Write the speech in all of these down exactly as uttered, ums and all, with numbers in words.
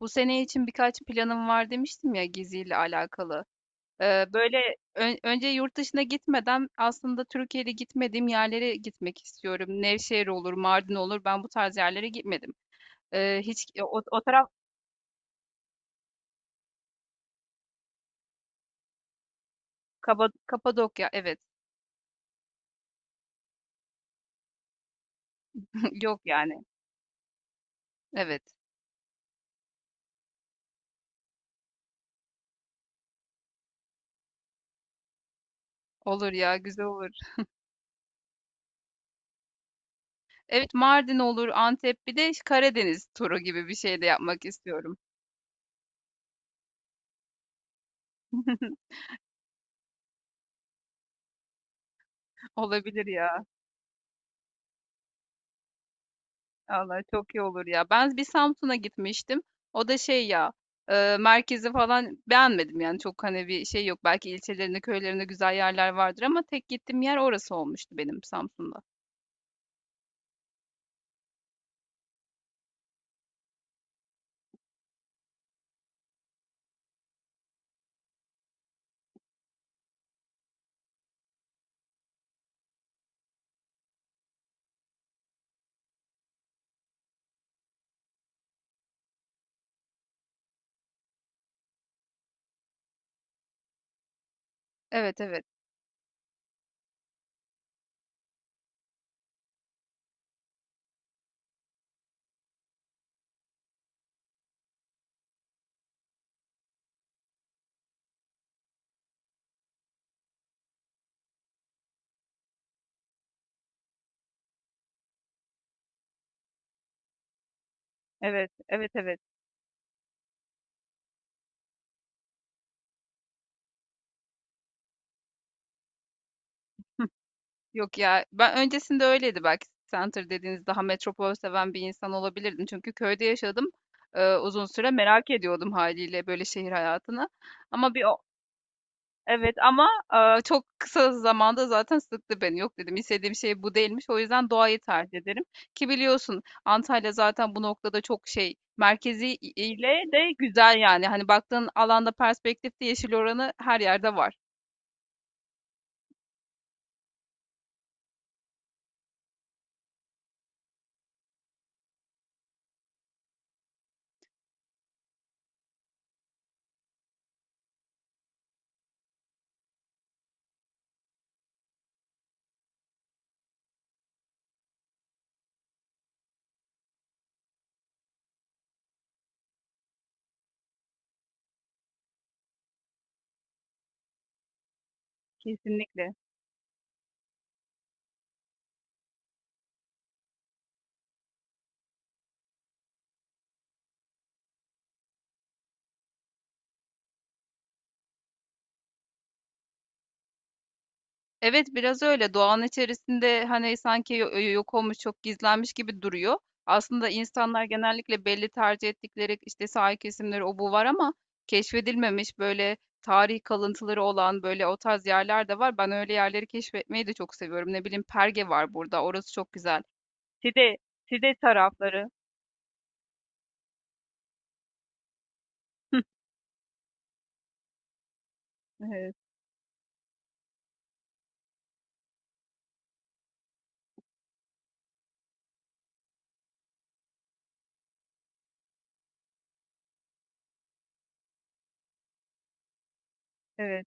Bu sene için birkaç planım var demiştim ya geziyle alakalı. Eee, böyle ön- önce yurt dışına gitmeden aslında Türkiye'de gitmediğim yerlere gitmek istiyorum. Nevşehir olur, Mardin olur. Ben bu tarz yerlere gitmedim. Eee, hiç e, o, o taraf. Kaba- Kapadokya, evet. Yok yani. Evet. Olur ya, güzel olur. Evet, Mardin olur, Antep, bir de Karadeniz turu gibi bir şey de yapmak istiyorum. Olabilir ya. Vallahi çok iyi olur ya. Ben bir Samsun'a gitmiştim. O da şey ya, e, merkezi falan beğenmedim yani, çok hani bir şey yok. Belki ilçelerinde, köylerinde güzel yerler vardır ama tek gittiğim yer orası olmuştu benim Samsun'da. Evet, evet. Evet, evet, evet. Yok ya, ben öncesinde öyleydi, belki center dediğiniz, daha metropol seven bir insan olabilirdim. Çünkü köyde yaşadım, e, uzun süre merak ediyordum haliyle böyle şehir hayatını. Ama bir o- Evet, ama eee, çok kısa zamanda zaten sıktı beni. Yok dedim, istediğim şey bu değilmiş. O yüzden doğayı tercih ederim. Ki biliyorsun, Antalya zaten bu noktada çok şey, merkezi ile de güzel yani. Hani baktığın alanda, perspektifte yeşil oranı her yerde var. Kesinlikle. Evet, biraz öyle. Doğanın içerisinde, hani, sanki yo yok olmuş, çok gizlenmiş gibi duruyor. Aslında insanlar genellikle belli tercih ettikleri, işte, sahil kesimleri o bu var ama keşfedilmemiş, böyle, tarih kalıntıları olan, böyle, o tarz yerler de var. Ben öyle yerleri keşfetmeyi de çok seviyorum. Ne bileyim, Perge var burada, orası çok güzel. Çide, Çide tarafları. Evet, evet.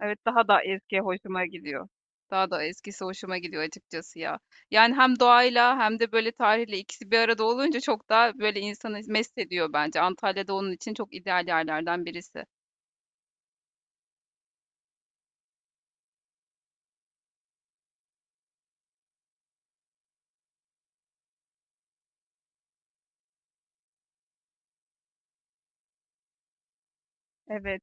Evet, daha da eski hoşuma gidiyor. Daha da eskisi hoşuma gidiyor açıkçası ya. Yani hem doğayla hem de böyle tarihle ikisi bir arada olunca çok daha böyle insanı mest ediyor bence. Antalya'da onun için çok ideal yerlerden birisi. Evet.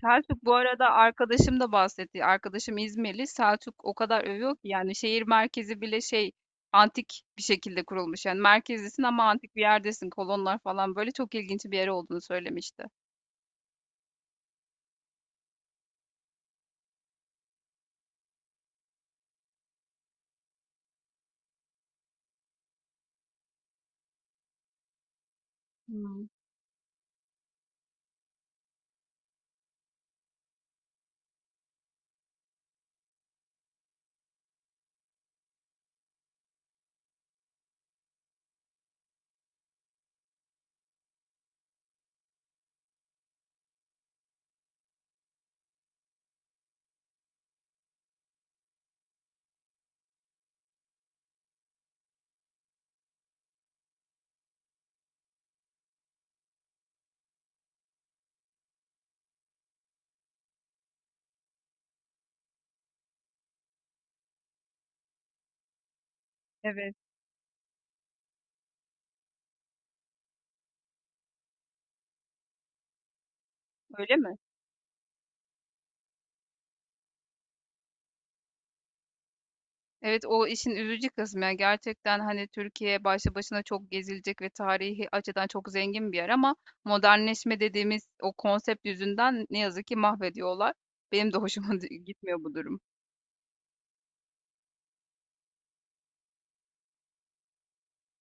Selçuk bu arada, arkadaşım da bahsetti. Arkadaşım İzmirli. Selçuk o kadar övüyor ki, yani şehir merkezi bile şey, antik bir şekilde kurulmuş. Yani merkezdesin ama antik bir yerdesin. Kolonlar falan, böyle çok ilginç bir yer olduğunu söylemişti. Hmm, evet. Öyle mi? Evet, o işin üzücü kısmı ya, gerçekten hani Türkiye başlı başına çok gezilecek ve tarihi açıdan çok zengin bir yer ama modernleşme dediğimiz o konsept yüzünden ne yazık ki mahvediyorlar. Benim de hoşuma gitmiyor bu durum.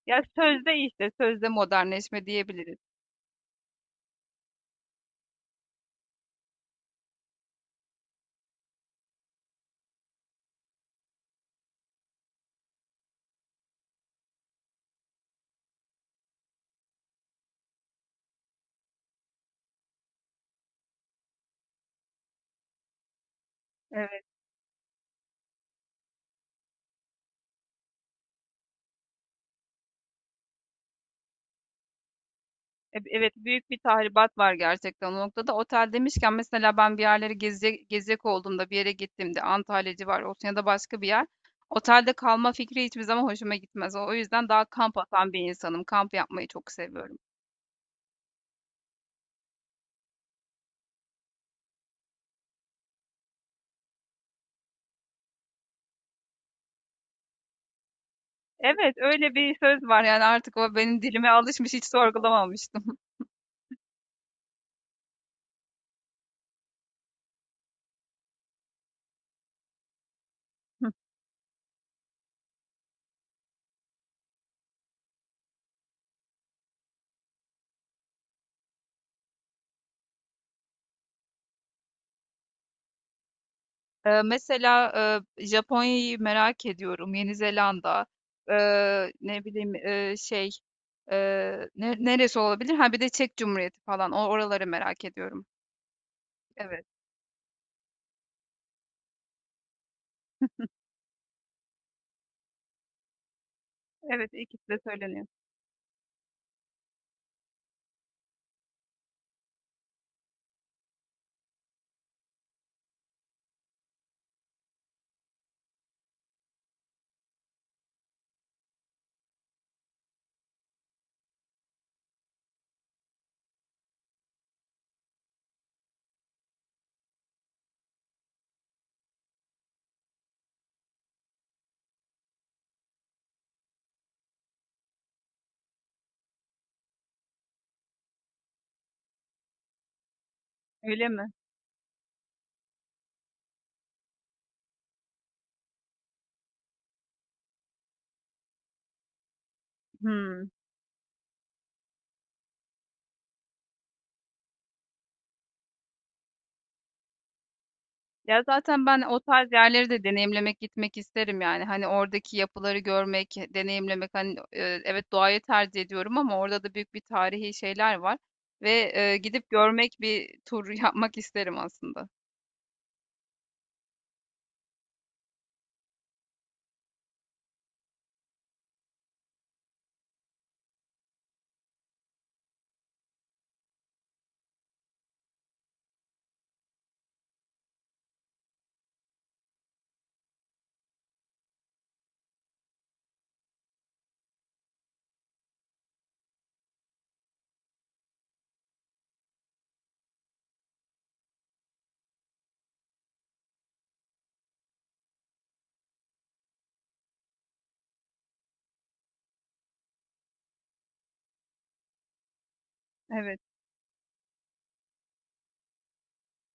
Ya sözde, işte sözde modernleşme diyebiliriz. Evet. E- Evet, büyük bir tahribat var gerçekten o noktada. Otel demişken, mesela ben bir yerleri gezecek, gezecek olduğumda, bir yere gittiğimde, Antalya civarı olsun ya da başka bir yer. Otelde kalma fikri hiçbir zaman hoşuma gitmez. O yüzden daha kamp atan bir insanım. Kamp yapmayı çok seviyorum. Evet, öyle bir söz var yani, artık o benim dilime alışmış, hiç sorgulamamıştım. Ee, mesela e, Japonya'yı merak ediyorum. Yeni Zelanda. Ee, ne bileyim, e, şey, e, ne- neresi olabilir? Ha, bir de Çek Cumhuriyeti falan. O oraları merak ediyorum. Evet. Evet, ikisi de söyleniyor. Öyle mi? Hmm. Ya zaten ben o tarz yerleri de deneyimlemek, gitmek isterim yani. Hani oradaki yapıları görmek, deneyimlemek. Hani, e, evet doğayı tercih ediyorum ama orada da büyük bir tarihi şeyler var. Ve e, gidip görmek, bir tur yapmak isterim aslında. Evet.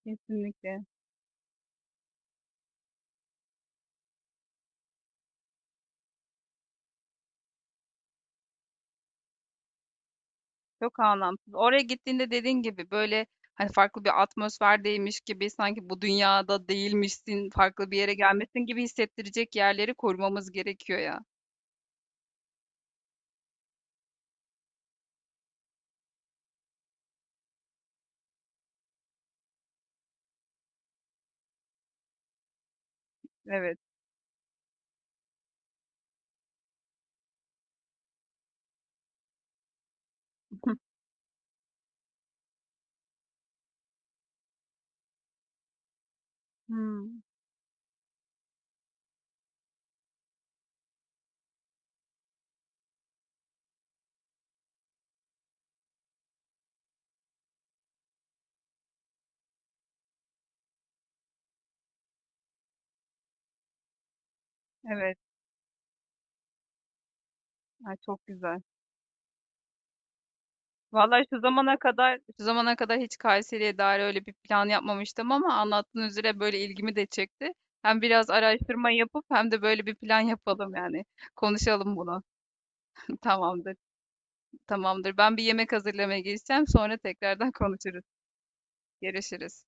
Kesinlikle. Çok anlamsız. Oraya gittiğinde, dediğin gibi böyle hani farklı bir atmosferdeymiş gibi, sanki bu dünyada değilmişsin, farklı bir yere gelmesin gibi hissettirecek yerleri korumamız gerekiyor ya. Evet. Hmm, evet. Ay, çok güzel. Vallahi şu zamana kadar şu zamana kadar hiç Kayseri'ye dair öyle bir plan yapmamıştım ama anlattığın üzere böyle ilgimi de çekti. Hem biraz araştırma yapıp hem de böyle bir plan yapalım yani. Konuşalım bunu. Tamamdır. Tamamdır. Ben bir yemek hazırlamaya geçeceğim. Sonra tekrardan konuşuruz. Görüşürüz.